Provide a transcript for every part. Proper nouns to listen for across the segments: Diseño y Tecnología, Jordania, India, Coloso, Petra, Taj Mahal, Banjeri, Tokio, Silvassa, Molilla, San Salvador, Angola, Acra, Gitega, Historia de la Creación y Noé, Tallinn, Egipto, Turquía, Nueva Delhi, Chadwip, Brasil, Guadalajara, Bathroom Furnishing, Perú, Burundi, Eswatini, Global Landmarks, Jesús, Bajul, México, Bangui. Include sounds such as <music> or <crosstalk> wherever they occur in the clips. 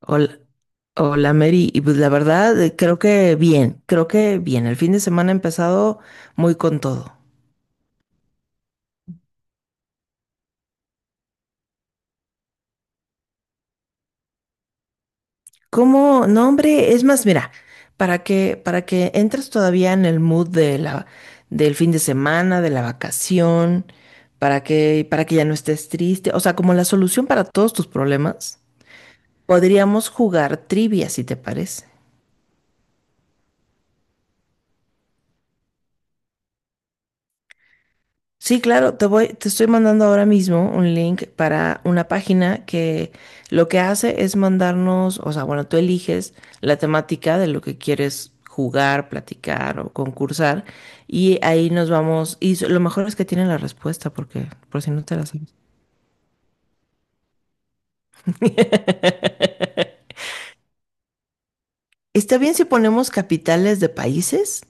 Hola, hola Mary, y pues la verdad creo que bien, el fin de semana ha empezado muy con todo. ¿Cómo? No, hombre, es más, mira, para que entres todavía en el mood de la, del fin de semana, de la vacación, para que ya no estés triste, o sea, como la solución para todos tus problemas, podríamos jugar trivia, si te parece. Sí, claro, te voy, te estoy mandando ahora mismo un link para una página que lo que hace es mandarnos, o sea, bueno, tú eliges la temática de lo que quieres jugar, platicar o concursar, y ahí nos vamos, y lo mejor es que tienen la respuesta porque por si no te la sabes. <laughs> ¿Está bien si ponemos capitales de países?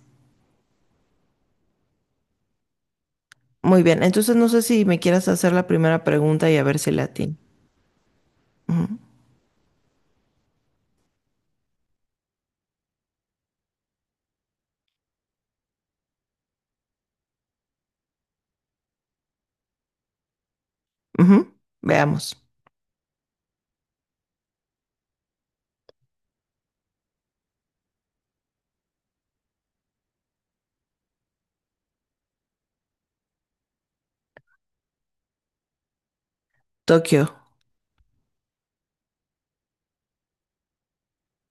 Muy bien, entonces no sé si me quieras hacer la primera pregunta y a ver si la atino. Ujú, ujú, veamos. Tokio.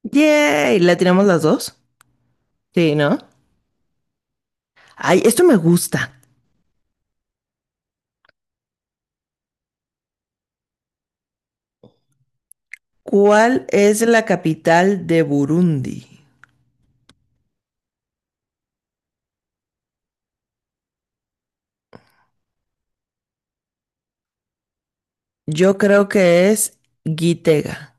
Yay, ¿la tiramos las dos? Sí, ¿no? Ay, esto me gusta. ¿Cuál es la capital de Burundi? Yo creo que es Gitega.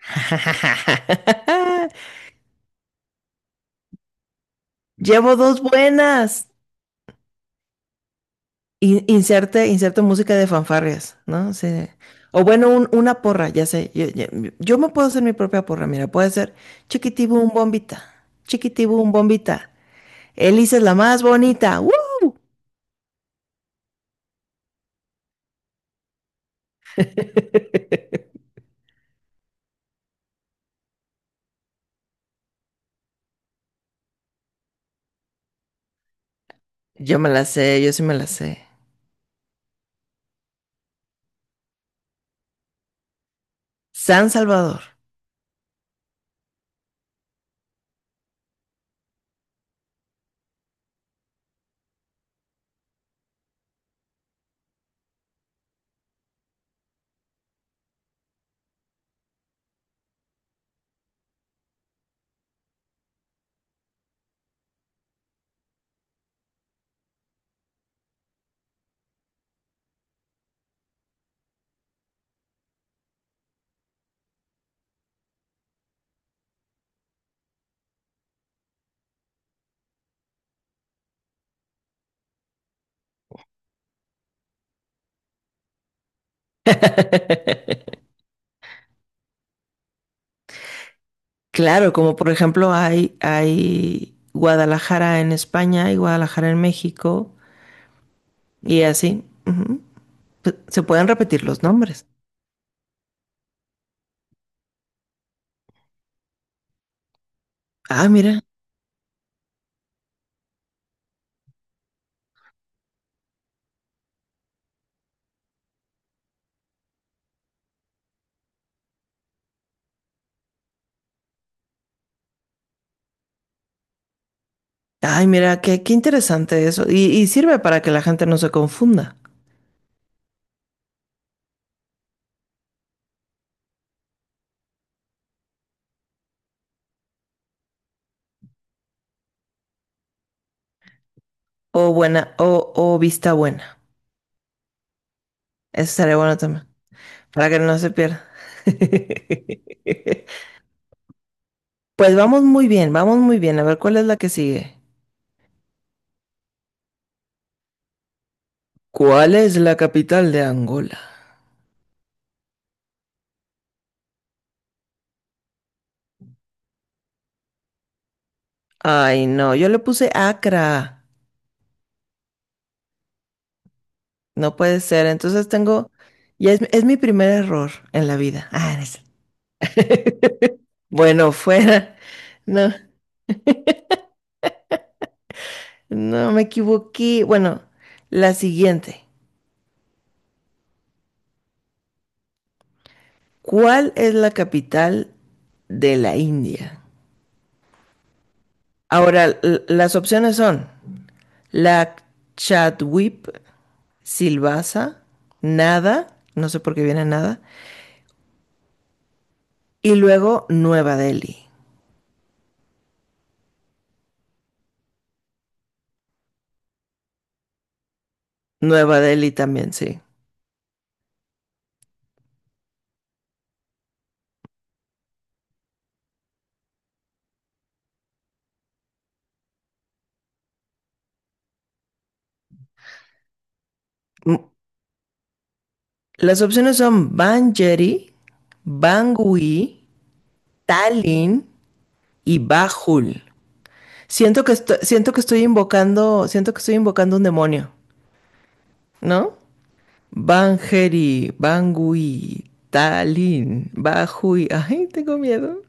<laughs> Llevo dos buenas. Inserte, inserte música de fanfarrias, ¿no? Sí. O bueno, una porra, ya sé. Yo me puedo hacer mi propia porra, mira, puede ser chiquitibum bombita, chiquitibum bombita. Elisa es la más bonita. ¡Woo! <laughs> Yo me la sé, yo sí me la sé. San Salvador. <laughs> Claro, como por ejemplo hay Guadalajara en España y Guadalajara en México y así. Ujú. Se pueden repetir los nombres. Ah, mira. Ay, mira, qué interesante eso. Y sirve para que la gente no se confunda. O buena, o vista buena. Eso estaría bueno también. Para que no se pierda. <laughs> Pues vamos muy bien, vamos muy bien. A ver cuál es la que sigue. ¿Cuál es la capital de Angola? Ay, no, yo le puse Acra. No puede ser. Entonces tengo. Ya es mi primer error en la vida. Ah, no es- <laughs> Bueno, fuera. No, no me equivoqué. Bueno, la siguiente. ¿Cuál es la capital de la India? Ahora, las opciones son la Chadwip, Silvassa, Nada, no sé por qué viene Nada, y luego Nueva Delhi. Nueva Delhi también, sí. Mm, Las opciones son Banjeri, Bangui, Tallinn y Bajul. Siento que estoy invocando, siento que estoy invocando un demonio, ¿no? Banjeri, Bangui, Tallinn, Bajul. Ay, tengo miedo.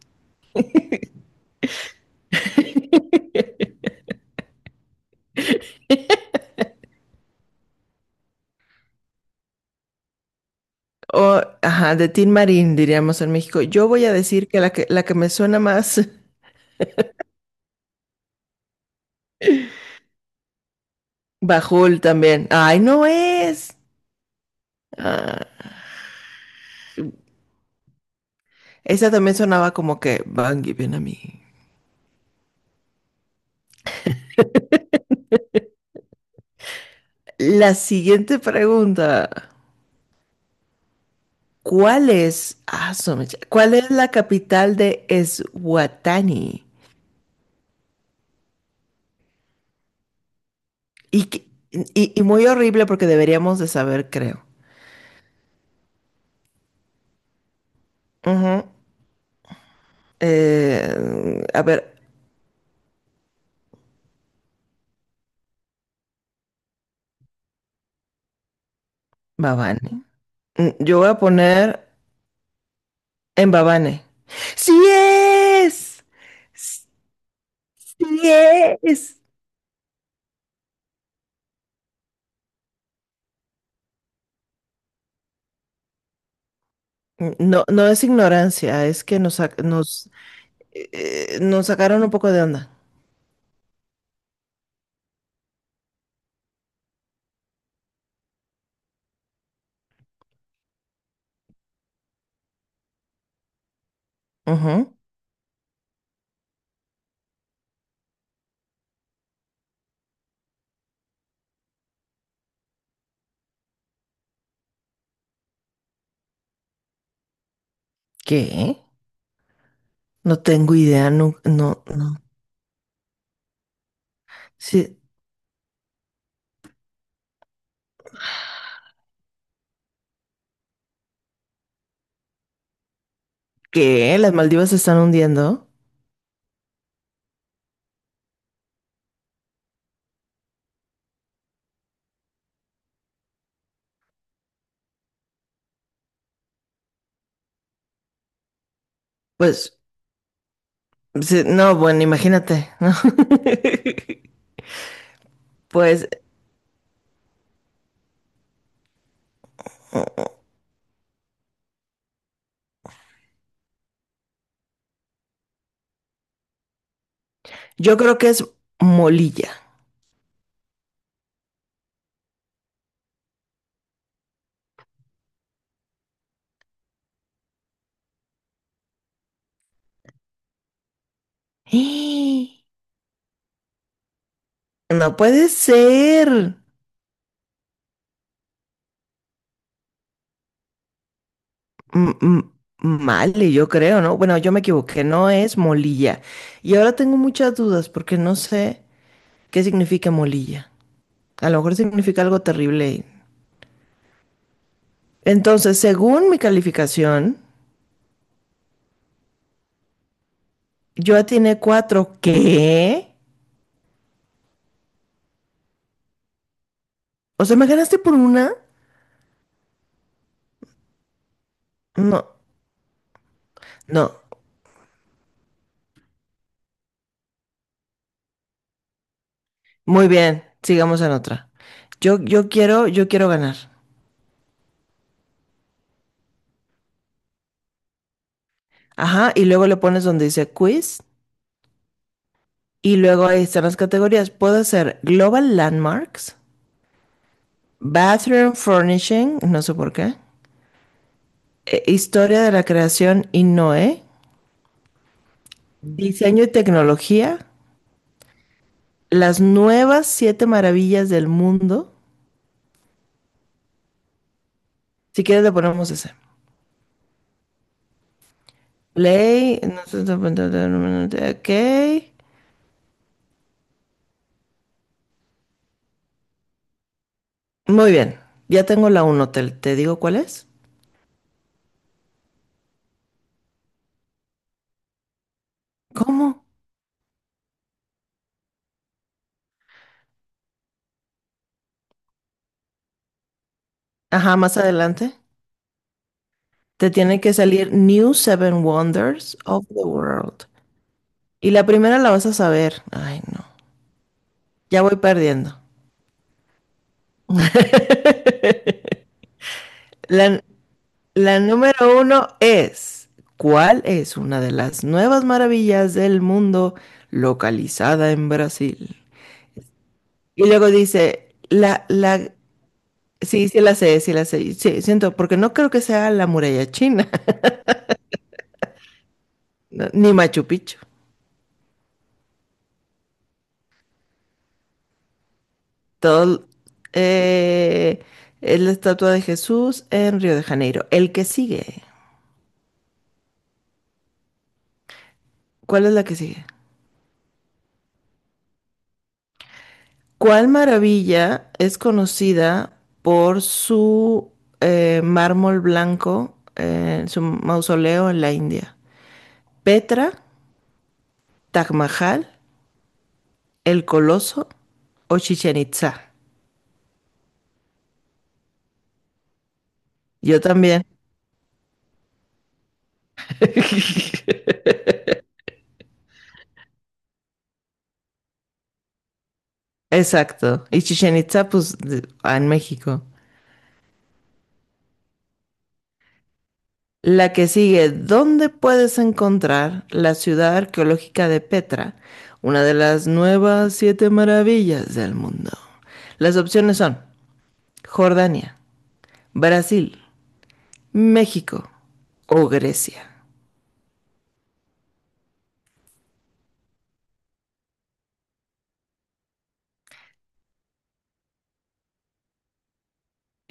O, ajá, de Tin Marín, diríamos en México. Yo voy a decir que la que, la que me suena más. <laughs> Bajul también. Ay, no es. Ah. Esa también sonaba como que Bungie, ven a mí. La siguiente pregunta. ¿Cuál es, ah, cuál es la capital de Eswatini? Y, que- y muy horrible porque deberíamos de saber, creo. Ujú. A ver, Babane. Yo voy a poner en Babane. ¡Sí es! ¡Sí es! No, no es ignorancia, es que nos, nos sacaron un poco de onda. Ujú. ¿Qué? No tengo idea, no, no, no. Sí, ¿qué? ¿Las Maldivas se están hundiendo? Pues, sí, no, bueno, imagínate, ¿no? <laughs> Pues yo creo que es Molilla. <gasps> ¡Eh! No puede ser. M- m- Male, yo creo, ¿no? Bueno, yo me equivoqué, no es Molilla. Y ahora tengo muchas dudas porque no sé qué significa Molilla. A lo mejor significa algo terrible. Entonces, según mi calificación, yo atiné 4. ¿Qué? O sea, ¿me ganaste por una? No, no. Muy bien, sigamos en otra. Yo quiero ganar. Ajá, y luego le pones donde dice quiz, y luego ahí están las categorías. Puedo hacer Global Landmarks, Bathroom Furnishing, no sé por qué, Historia de la Creación y Noé, Diseño y Tecnología, las nuevas 7 maravillas del mundo. Si quieres le ponemos ese. Play, no sé, no, no, no, no, no, no, ok. Muy bien, ya tengo la 1. ¿Te, te digo cuál es? ¿Cómo? Ajá, más adelante. Te tiene que salir New Seven Wonders of the World. Y la primera la vas a saber. Ay, no, ya voy perdiendo. La, la número 1 es, ¿cuál es una de las nuevas maravillas del mundo localizada en Brasil? Y luego dice, la, la, sí, sí la sé, sí la sé. Sí, siento, porque no creo que sea la muralla china. <laughs> No, ni Machu Picchu. Todo eh, es la estatua de Jesús en Río de Janeiro. El que sigue, ¿cuál es la que sigue? ¿Cuál maravilla es conocida por su mármol blanco en su mausoleo en la India? ¿Petra, Taj Mahal, El Coloso o Chichen Itzá? Yo también. <laughs> Exacto. Y Chichen Itza, pues, de- ah, en México. La que sigue, ¿dónde puedes encontrar la ciudad arqueológica de Petra, una de las nuevas 7 maravillas del mundo? Las opciones son Jordania, Brasil, México o Grecia.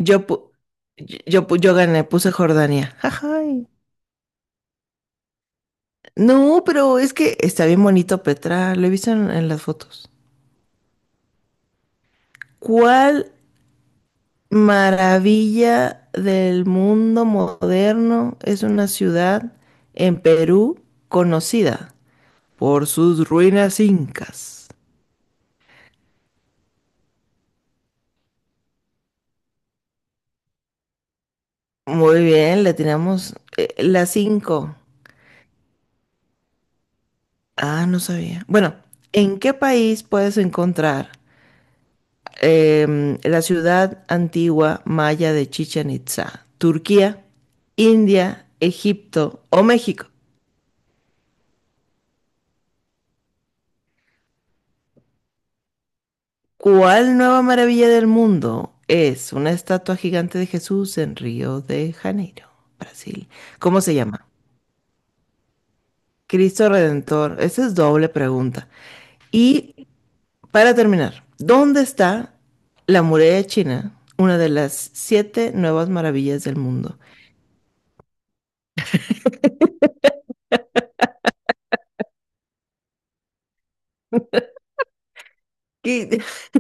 Yo, pu- yo gané, puse Jordania. Ajay. No, pero es que está bien bonito Petra, lo he visto en las fotos. ¿Cuál maravilla del mundo moderno es una ciudad en Perú conocida por sus ruinas incas? Muy bien, le tiramos las 5. Ah, no sabía. Bueno, ¿en qué país puedes encontrar la ciudad antigua maya de Chichén Itzá? ¿Turquía, India, Egipto o México? ¿Cuál nueva maravilla del mundo es una estatua gigante de Jesús en Río de Janeiro, Brasil? ¿Cómo se llama? Cristo Redentor. Esa es doble pregunta. Y para terminar, ¿dónde está la muralla china? Una de las 7 nuevas maravillas del mundo. Y- <laughs>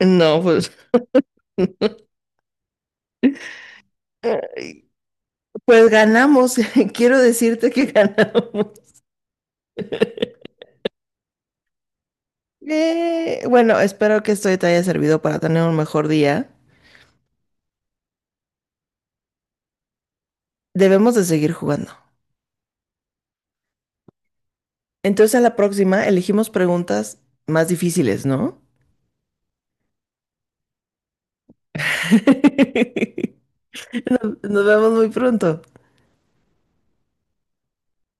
No, pues, ay, pues ganamos. <laughs> Quiero decirte que ganamos. Bueno, espero que esto te haya servido para tener un mejor día. Debemos de seguir jugando. Entonces a la próxima elegimos preguntas más difíciles, ¿no? <laughs> Nos vemos muy pronto.